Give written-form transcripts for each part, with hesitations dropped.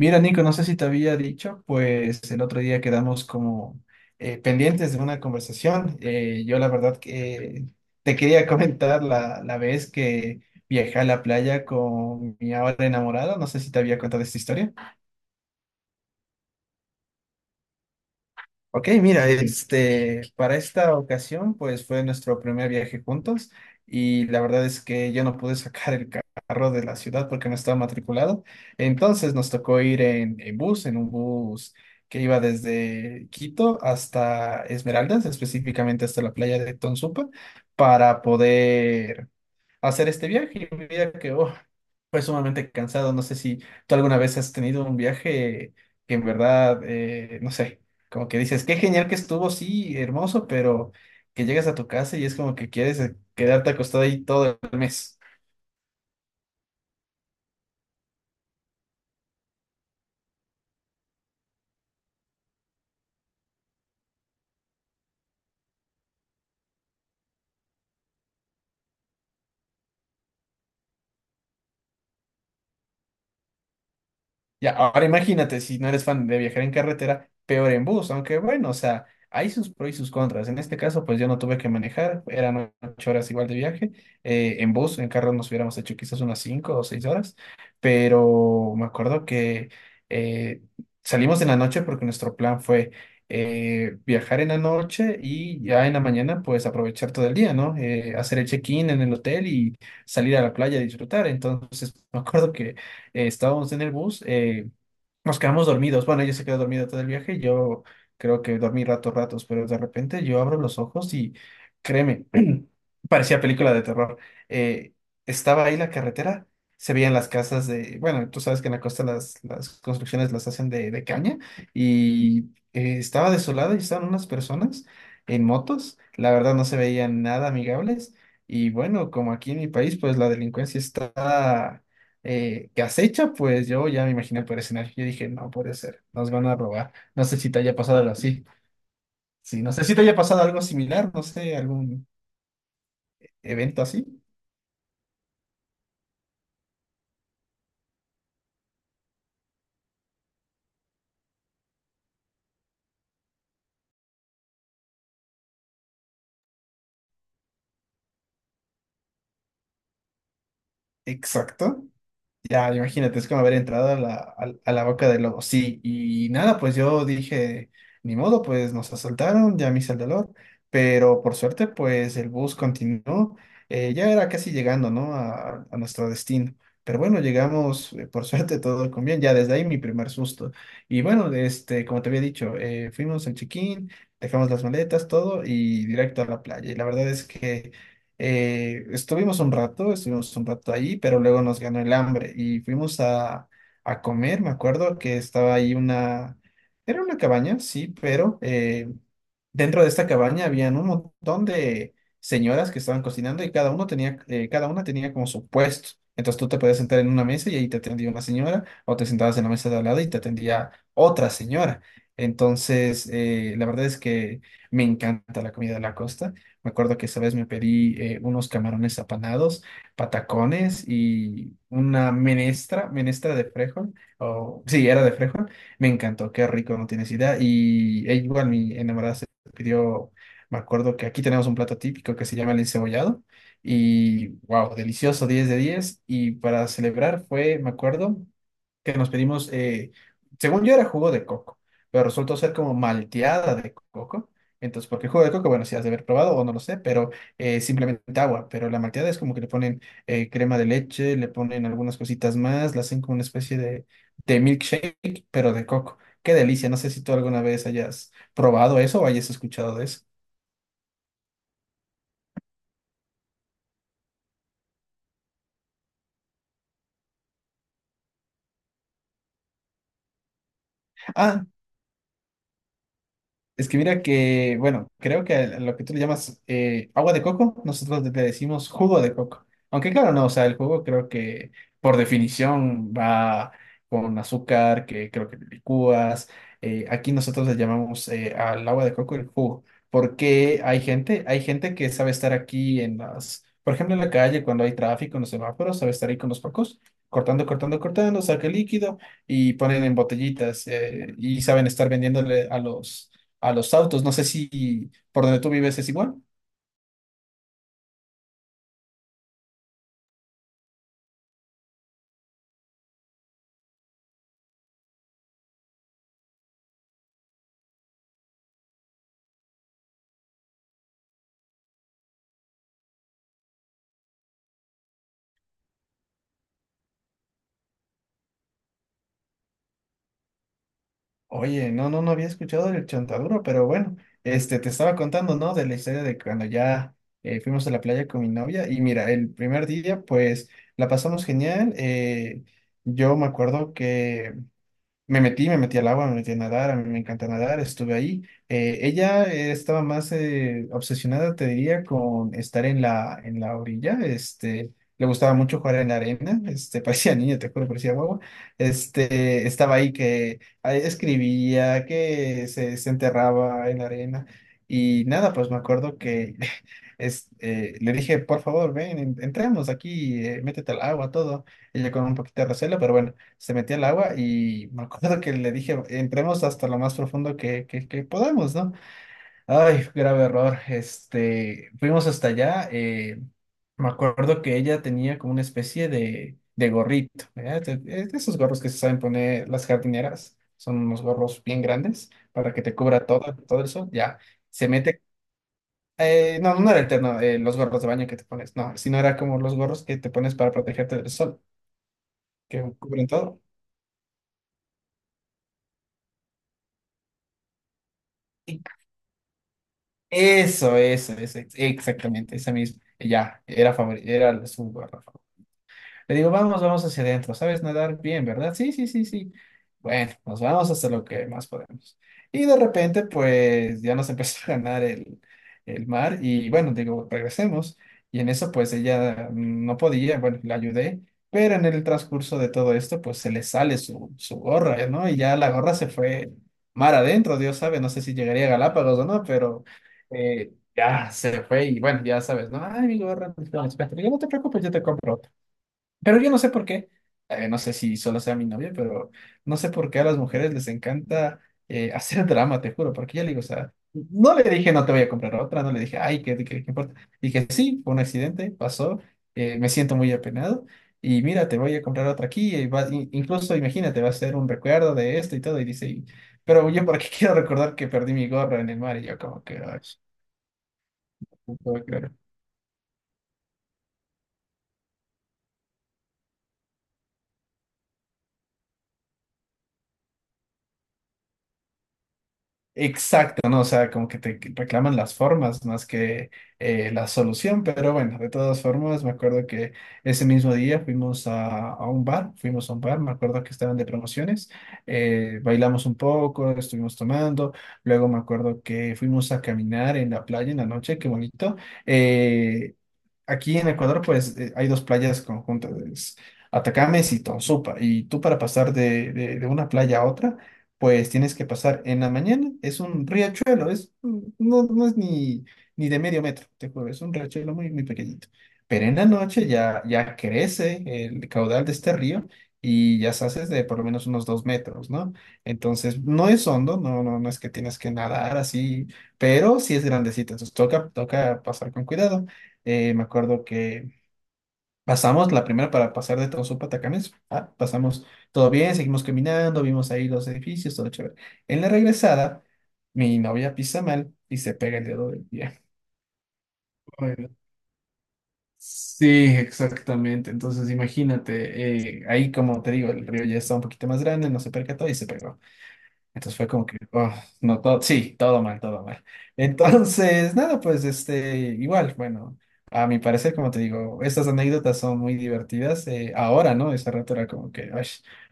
Mira, Nico, no sé si te había dicho, pues el otro día quedamos como pendientes de una conversación. Yo la verdad que te quería comentar la vez que viajé a la playa con mi ahora enamorada. No sé si te había contado esta historia. Ok, mira, este, para esta ocasión, pues fue nuestro primer viaje juntos y la verdad es que yo no pude sacar el carro de la ciudad porque no estaba matriculado. Entonces nos tocó ir en bus, en un bus que iba desde Quito hasta Esmeraldas, específicamente hasta la playa de Tonsupa, para poder hacer este viaje. Y mira que oh, fue sumamente cansado. No sé si tú alguna vez has tenido un viaje que en verdad, no sé, como que dices, qué genial que estuvo, sí, hermoso, pero que llegas a tu casa y es como que quieres quedarte acostado ahí todo el mes. Ya, ahora imagínate, si no eres fan de viajar en carretera, peor en bus, aunque bueno, o sea, hay sus pros y sus contras. En este caso, pues yo no tuve que manejar, eran 8 horas igual de viaje. En bus, en carro nos hubiéramos hecho quizás unas 5 o 6 horas, pero me acuerdo que eh, salimos en la noche porque nuestro plan fue viajar en la noche y ya en la mañana, pues aprovechar todo el día, ¿no? Hacer el check-in en el hotel y salir a la playa a disfrutar. Entonces, me acuerdo que estábamos en el bus, nos quedamos dormidos. Bueno, ella se quedó dormida todo el viaje, yo creo que dormí ratos, ratos, pero de repente yo abro los ojos y créeme, parecía película de terror. Eh, estaba ahí la carretera, se veían las casas de, bueno, tú sabes que en la costa las construcciones las hacen de caña y estaba desolada y estaban unas personas en motos, la verdad no se veían nada amigables. Y bueno, como aquí en mi país, pues la delincuencia está que acecha, pues yo ya me imaginé por escenario. Yo dije, no puede ser, nos van a robar. No sé si te haya pasado algo así. Sí, no sé si te haya pasado algo similar, no sé, algún evento así. Exacto. Ya, imagínate, es como haber entrado a la boca del lobo. Sí, y nada, pues yo dije, ni modo, pues nos asaltaron, ya me hice el dolor, pero por suerte, pues el bus continuó, ya era casi llegando, ¿no? A nuestro destino. Pero bueno, llegamos, por suerte, todo con bien, ya desde ahí mi primer susto. Y bueno, este, como te había dicho, fuimos al check-in, dejamos las maletas, todo, y directo a la playa. Y la verdad es que... Estuvimos un rato, estuvimos un rato ahí, pero luego nos ganó el hambre y fuimos a comer. Me acuerdo que estaba ahí una, era una cabaña, sí, pero dentro de esta cabaña habían un montón de señoras que estaban cocinando y cada uno tenía, cada una tenía como su puesto. Entonces tú te podías sentar en una mesa y ahí te atendía una señora, o te sentabas en la mesa de al lado y te atendía otra señora. Entonces, la verdad es que me encanta la comida de la costa. Me acuerdo que esa vez me pedí unos camarones apanados, patacones y una menestra, menestra de frejol, o sí, era de frejol. Me encantó, qué rico, no tienes idea. Y e igual mi enamorada se pidió, me acuerdo que aquí tenemos un plato típico que se llama el encebollado. Y wow, delicioso, 10 de 10. Y para celebrar fue, me acuerdo, que nos pedimos, según yo era jugo de coco, pero resultó ser como malteada de coco. Entonces, porque el jugo de coco, bueno, si has de haber probado o no lo sé, pero simplemente agua. Pero la malteada es como que le ponen crema de leche, le ponen algunas cositas más, la hacen como una especie de milkshake, pero de coco. Qué delicia. No sé si tú alguna vez hayas probado eso o hayas escuchado de eso. Ah, Es que mira que, bueno, creo que a lo que tú le llamas agua de coco, nosotros le decimos jugo de coco. Aunque claro, no, o sea, el jugo creo que por definición va con azúcar, que creo que le licúas. Aquí nosotros le llamamos al agua de coco el jugo, porque hay gente que sabe estar aquí en las, por ejemplo, en la calle cuando hay tráfico, en los semáforos, sabe estar ahí con los pocos, cortando, cortando, cortando, saca el líquido y ponen en botellitas y saben estar vendiéndole a los autos. No sé si por donde tú vives es igual. Oye, no, no, no había escuchado del chontaduro, pero bueno, este, te estaba contando, ¿no? De la historia de cuando ya fuimos a la playa con mi novia y mira, el primer día, pues la pasamos genial. Yo me acuerdo que me metí, me metí al agua, me metí a nadar, a mí me encanta nadar, estuve ahí. Ella estaba más obsesionada, te diría, con estar en la orilla, este, le gustaba mucho jugar en la arena, este, parecía niña, te juro, parecía guagua, este, estaba ahí que ah, escribía, que se enterraba en la arena, y nada, pues me acuerdo que le dije, por favor, ven, entremos aquí, métete al agua, todo, ella con un poquito de recelo, pero bueno se metió al agua y me acuerdo que le dije, entremos hasta lo más profundo que podamos, ¿no? Ay, grave error. Este, fuimos hasta allá. Me acuerdo que ella tenía como una especie de gorrito, ¿verdad? De esos gorros que se saben poner las jardineras. Son unos gorros bien grandes para que te cubra todo, todo el sol. Ya, se mete. No, no era el terno, los gorros de baño que te pones, no, sino era como los gorros que te pones para protegerte del sol, que cubren todo. Eso, exactamente, esa misma. Ya, era era su barra favorita. Le digo, vamos, vamos hacia adentro. ¿Sabes nadar bien, verdad? Sí, sí, sí, sí. Bueno, nos vamos hasta lo que más podemos. Y de repente, pues ya nos empezó a ganar el mar. Y bueno, digo, regresemos. Y en eso, pues ella no podía, bueno, la ayudé. Pero en el transcurso de todo esto, pues se le sale su gorra, ¿no? Y ya la gorra se fue mar adentro, Dios sabe, no sé si llegaría a Galápagos o no, pero ya se fue y bueno, ya sabes, ¿no? Ay, mi gorra, espera, espera. Yo no te preocupes, yo te compro otra. Pero yo no sé por qué, no sé si solo sea mi novia, pero no sé por qué a las mujeres les encanta hacer drama, te juro, porque yo le digo, o sea, no le dije no te voy a comprar otra, no le dije, ay, ¿qué importa? Dije, sí, fue un accidente, pasó, me siento muy apenado y mira, te voy a comprar otra aquí, y incluso imagínate, va a ser un recuerdo de esto y todo, y dice, "Y- pero yo por qué quiero recordar que perdí mi gorra en el mar y yo como que, ay, no puedo creer". Exacto, ¿no? O sea, como que te reclaman las formas más que la solución, pero bueno, de todas formas, me acuerdo que ese mismo día fuimos a un bar, fuimos a un bar, me acuerdo que estaban de promociones, bailamos un poco, estuvimos tomando, luego me acuerdo que fuimos a caminar en la playa en la noche, qué bonito, eh, aquí en Ecuador, pues hay dos playas conjuntas, es Atacames y Tonsupa. Y tú para pasar de una playa a otra, pues tienes que pasar en la mañana. Es un riachuelo, es, no, no es ni, ni de medio metro, te juro, es un riachuelo muy, muy pequeñito. Pero en la noche ya, ya crece el caudal de este río y ya se hace de por lo menos unos 2 metros, ¿no? Entonces, no es hondo, no, no, no es que tienes que nadar así, pero sí es grandecito, entonces toca, toca pasar con cuidado. Me acuerdo que pasamos la primera para pasar de Tonsupa a Tacanes. Pasamos todo bien, seguimos caminando, vimos ahí los edificios, todo chévere. En la regresada, mi novia pisa mal y se pega el dedo del pie. Bueno, sí, exactamente. Entonces, imagínate, ahí como te digo, el río ya está un poquito más grande, no se percató y se pegó. Entonces fue como que, oh, no, todo, sí, todo mal, todo mal. Entonces, nada, pues este, igual, bueno, a mi parecer, como te digo, estas anécdotas son muy divertidas. Ahora, ¿no? Ese rato era como que, ay.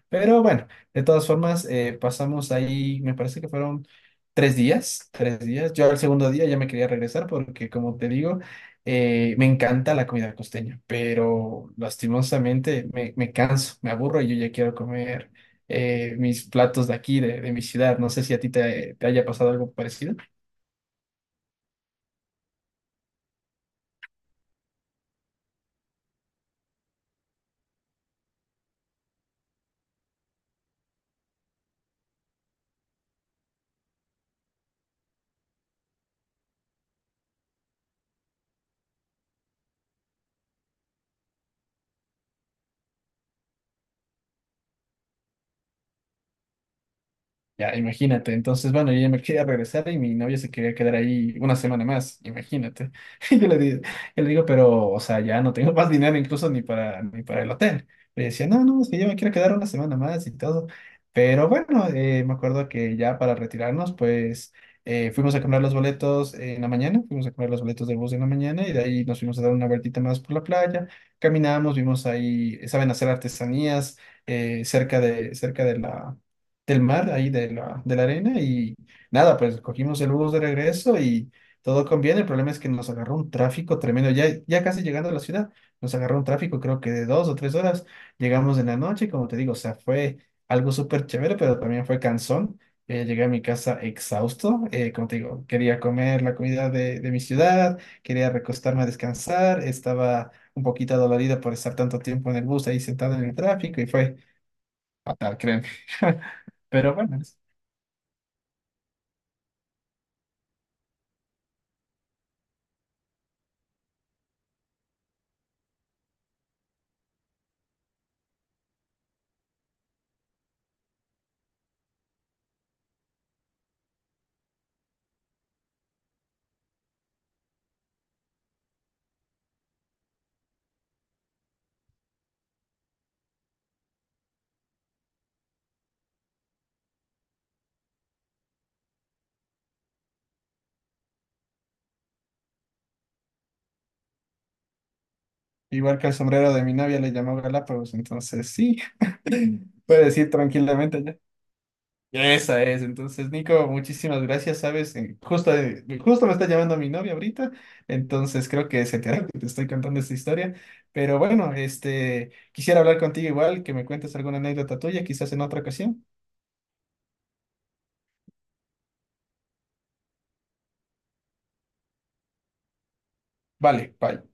Pero bueno, de todas formas, pasamos ahí, me parece que fueron 3 días, 3 días. Yo al segundo día ya me quería regresar porque, como te digo, me encanta la comida costeña, pero lastimosamente me, me canso, me aburro y yo ya quiero comer mis platos de aquí, de mi ciudad. No sé si a ti te, te haya pasado algo parecido. Ya, imagínate. Entonces, bueno, yo ya me quería regresar y mi novia se quería quedar ahí una semana más, imagínate. Y yo yo le digo, pero, o sea, ya no tengo más dinero incluso ni para el hotel. Y ella decía, no, no, es que yo me quiero quedar una semana más y todo. Pero bueno, me acuerdo que ya para retirarnos, pues fuimos a comprar los boletos en la mañana, fuimos a comprar los boletos del bus en la mañana y de ahí nos fuimos a dar una vueltita más por la playa. Caminamos, vimos ahí, saben hacer artesanías cerca de la del mar, ahí de de la arena, y nada, pues cogimos el bus de regreso y todo conviene. El problema es que nos agarró un tráfico tremendo. Ya, ya casi llegando a la ciudad, nos agarró un tráfico, creo que de 2 o 3 horas. Llegamos en la noche, y como te digo, o sea, fue algo súper chévere, pero también fue cansón. Llegué a mi casa exhausto, como te digo, quería comer la comida de mi ciudad, quería recostarme a descansar, estaba un poquito dolorido por estar tanto tiempo en el bus ahí sentado en el tráfico y fue fatal, créeme. Pero bueno, igual que el sombrero de mi novia le llamó Galápagos, entonces sí, puedes ir tranquilamente ya. Esa es, entonces Nico, muchísimas gracias, sabes, justo me está llamando mi novia ahorita, entonces creo que se enteró que te estoy contando esta historia, pero bueno, este, quisiera hablar contigo igual, que me cuentes alguna anécdota tuya, quizás en otra ocasión. Vale, bye.